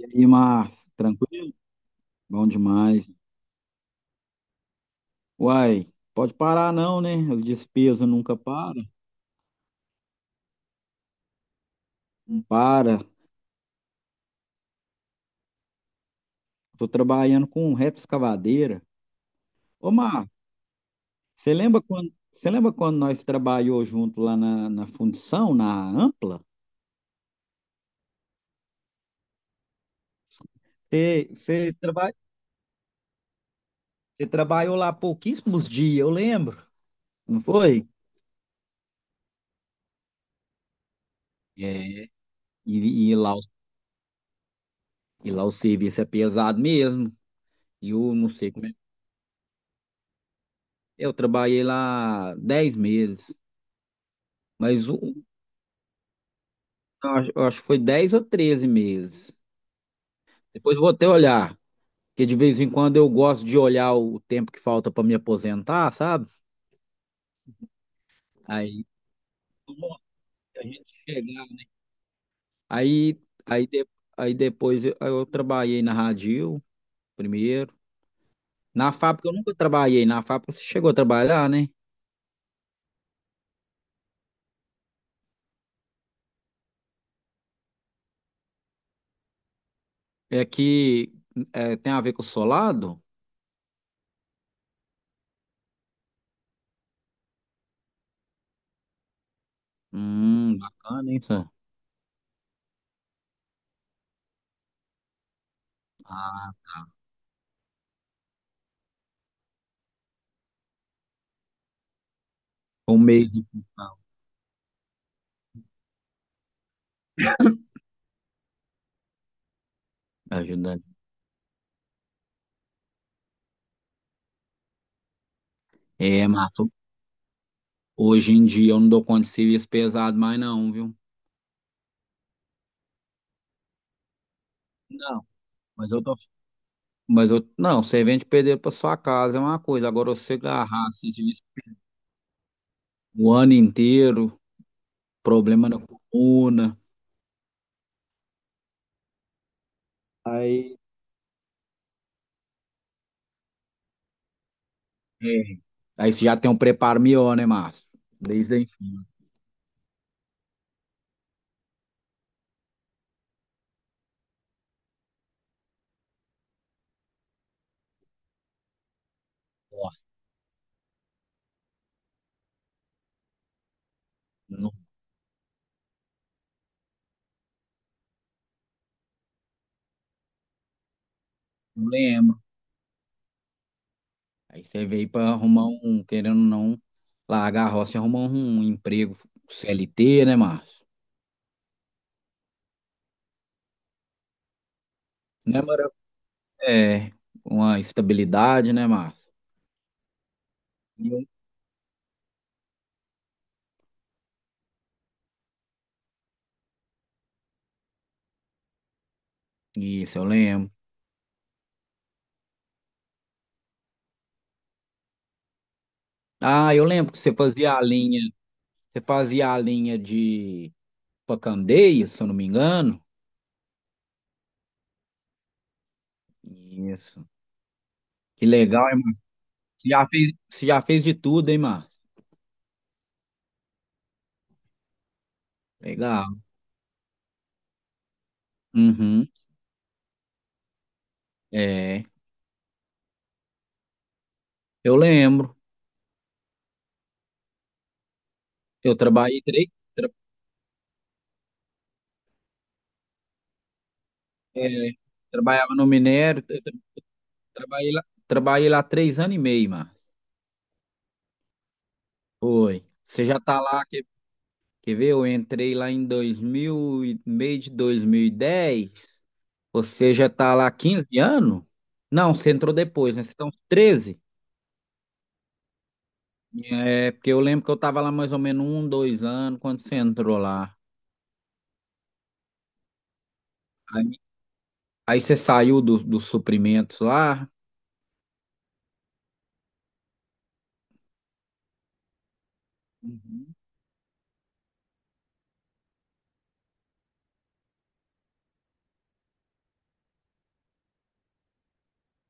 E aí, Márcio, tranquilo? Bom demais. Uai, pode parar não, né? As despesas nunca param. Não para. Tô trabalhando com retroescavadeira. Ô, Márcio, você lembra quando nós trabalhou junto lá na fundição, na Ampla? Você, você, traba- você trabalhou lá pouquíssimos dias, eu lembro. Não foi? É, e, e lá, o- e lá o serviço é pesado mesmo. E eu não sei como é. Eu trabalhei lá 10 meses. Mas o, eu acho que foi 10 ou 13 meses. Depois eu vou até olhar, porque de vez em quando eu gosto de olhar o tempo que falta para me aposentar, sabe? Aí, a gente chegar, né? aí, aí, de- aí depois eu trabalhei na Radil primeiro. Na fábrica eu nunca trabalhei. Na fábrica você chegou a trabalhar, né? É que tem a ver com o solado? Bacana, hein, senhor? Ah, um mês de função, ajudante. É, mas hoje em dia eu não dou conta de serviço pesado mais não, viu? Não, mas eu tô. Mas eu, não, você vende pedreiro para sua casa é uma coisa. Agora você agarrar assim, serviço o ano inteiro, problema na coluna. Aí, é. Aí você já tem um preparo melhor, né, Márcio? Desde a infância. Ó, não não lembro. Aí você veio para arrumar um, querendo ou não, largar a roça e arrumar um emprego CLT, né, Márcio? Né, Mara? É, uma estabilidade, né, Márcio? Isso, eu lembro. Ah, eu lembro que você fazia a linha, você fazia a linha de Pacandeia, se eu não me engano. Isso. Que legal, hein, Márcio? Você já fez de tudo, hein, Márcio? Legal. Uhum. É, eu lembro. Eu trabalhei três, tra- é, trabalhava no minério, trabalhei lá 3 anos e meio, Márcio. Foi. Você já tá lá, quer ver? Eu entrei lá em 2000, e- meio de 2010. Você já está lá há 15 anos? Não, você entrou depois, né? Você tá uns 13? É, porque eu lembro que eu estava lá mais ou menos um, dois anos quando você entrou lá. Aí, aí você saiu dos suprimentos lá? Uhum.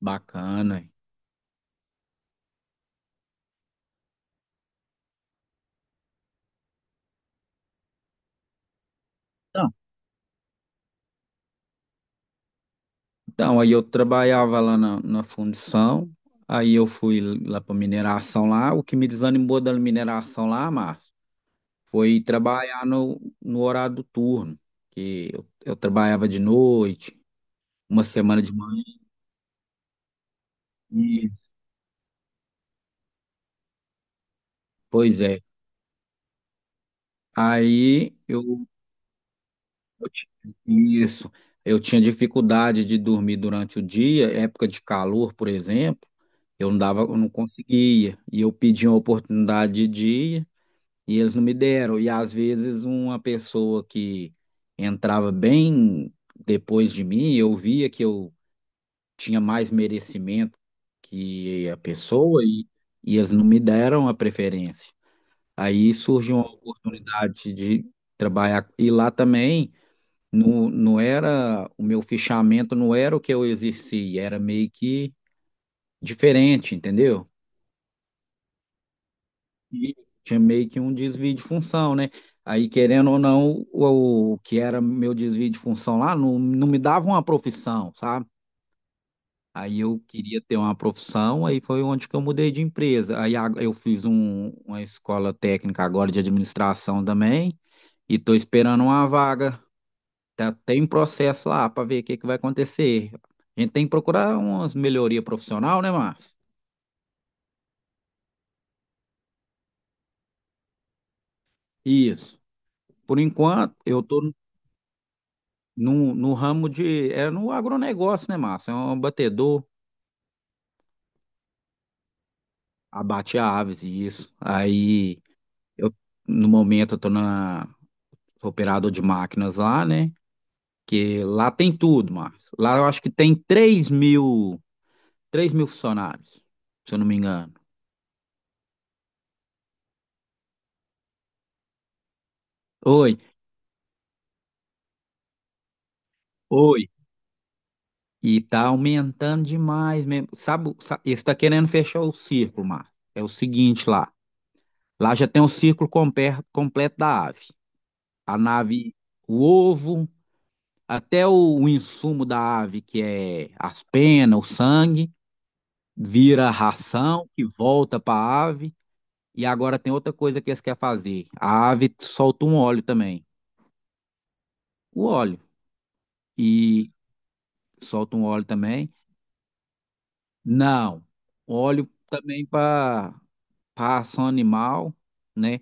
Bacana, hein? Então, então, aí eu trabalhava lá na fundição, aí eu fui lá para mineração lá. O que me desanimou da mineração lá, Márcio, foi trabalhar no horário do turno, que eu trabalhava de noite, uma semana de manhã. Pois é. Aí eu isso, eu tinha dificuldade de dormir durante o dia, época de calor, por exemplo, eu não conseguia. E eu pedi uma oportunidade de dia e eles não me deram. E às vezes uma pessoa que entrava bem depois de mim, eu via que eu tinha mais merecimento que a pessoa e eles não me deram a preferência. Aí surgiu uma oportunidade de trabalhar e lá também. Não, não era, o meu fichamento não era o que eu exerci, era meio que diferente, entendeu? E tinha meio que um desvio de função, né? Aí, querendo ou não, o que era meu desvio de função lá não me dava uma profissão, sabe? Aí eu queria ter uma profissão, aí foi onde que eu mudei de empresa. Eu fiz uma escola técnica agora de administração também, e estou esperando uma vaga. Tá, tem um processo lá para ver o que que vai acontecer. A gente tem que procurar umas melhoria profissional, né, Márcio? Isso. Por enquanto, eu tô no ramo de. É no agronegócio, né, Márcio? É um batedor, abate aves, e isso. Aí, eu, no momento, eu tô na, sou operador de máquinas lá, né? Que lá tem tudo, Márcio. Lá eu acho que tem três mil funcionários, se eu não me engano. Oi, oi. E tá aumentando demais mesmo. Sabe, eles tá querendo fechar o círculo, Márcio. É o seguinte lá. Lá já tem o círculo completo da ave. A nave, o ovo, até o insumo da ave, que é as penas, o sangue, vira ração que volta para a ave. E agora tem outra coisa que eles querem fazer. A ave solta um óleo também. O óleo. E solta um óleo também. Não. Óleo também para ração animal, né?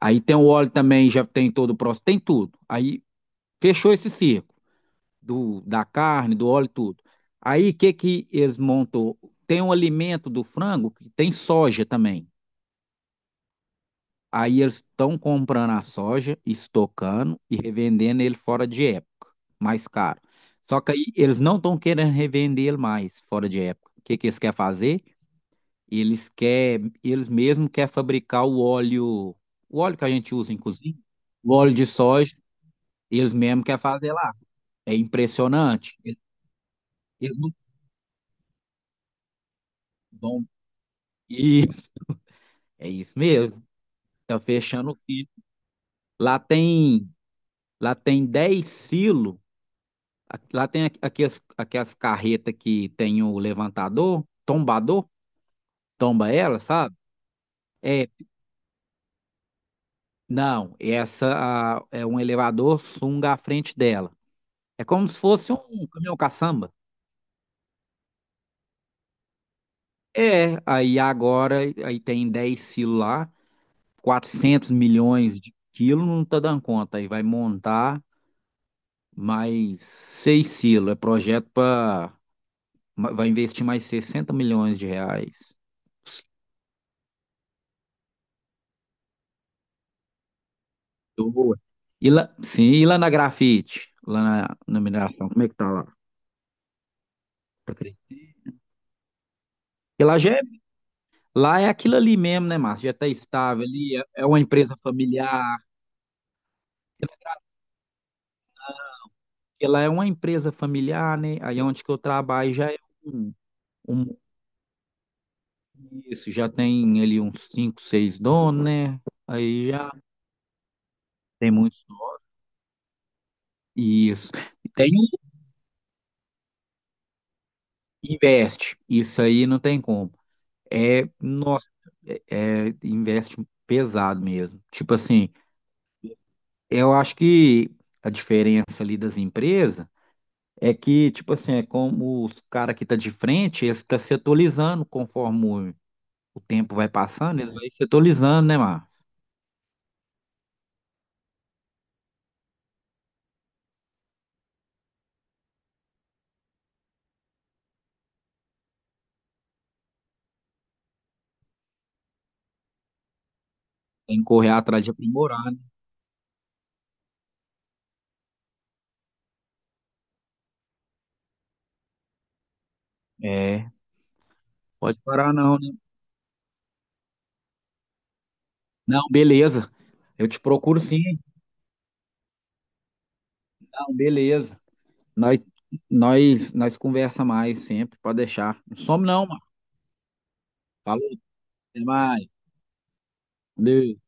Aí tem o óleo também, já tem todo o processo, tem tudo. Aí fechou esse circo do, da carne, do óleo, tudo. Aí o que que eles montam? Tem um alimento do frango que tem soja também. Aí eles estão comprando a soja, estocando e revendendo ele fora de época, mais caro. Só que aí eles não estão querendo revender ele mais fora de época. O que que eles querem fazer? E eles mesmos querem fabricar o óleo que a gente usa em cozinha, o óleo de soja, eles mesmos querem fazer lá. É impressionante. Eles não vão. Isso, é isso mesmo. Tá fechando o silo. Lá tem, lá tem 10 silos. Lá tem aquelas carretas que tem o levantador, tombador, tomba ela, sabe? É, não, é um elevador sunga à frente dela. É como se fosse um caminhão caçamba. É, aí agora aí tem 10 silos lá, 400 milhões de quilos, não tá dando conta. Aí vai montar mais 6 silos. É projeto para. Vai investir mais R$ 60 milhões. Boa. E lá, sim, e lá na grafite, lá na mineração, como é que tá lá? Tá cre- Porque lá, já é, lá é aquilo ali mesmo, né, Márcio? Já tá estável ali, é, é uma empresa familiar. Porque lá é uma empresa familiar, né? Aí onde que eu trabalho já é um. Um, isso, já tem ali uns 5 6 donos, né? Aí já tem muito. Isso. E tem um que investe. Isso aí não tem como. É, nossa, é, investe pesado mesmo. Tipo assim, eu acho que a diferença ali das empresas é que, tipo assim, é como os caras que tá de frente, eles estão se atualizando conforme o tempo vai passando, eles vão se atualizando, né, Márcio? Tem que correr atrás de aprimorar, né? É, pode parar não. Não, beleza. Eu te procuro sim. Não, beleza. Nós, nós conversa mais sempre, pode deixar. Não some não, mano. Falou, até mais. Valeu.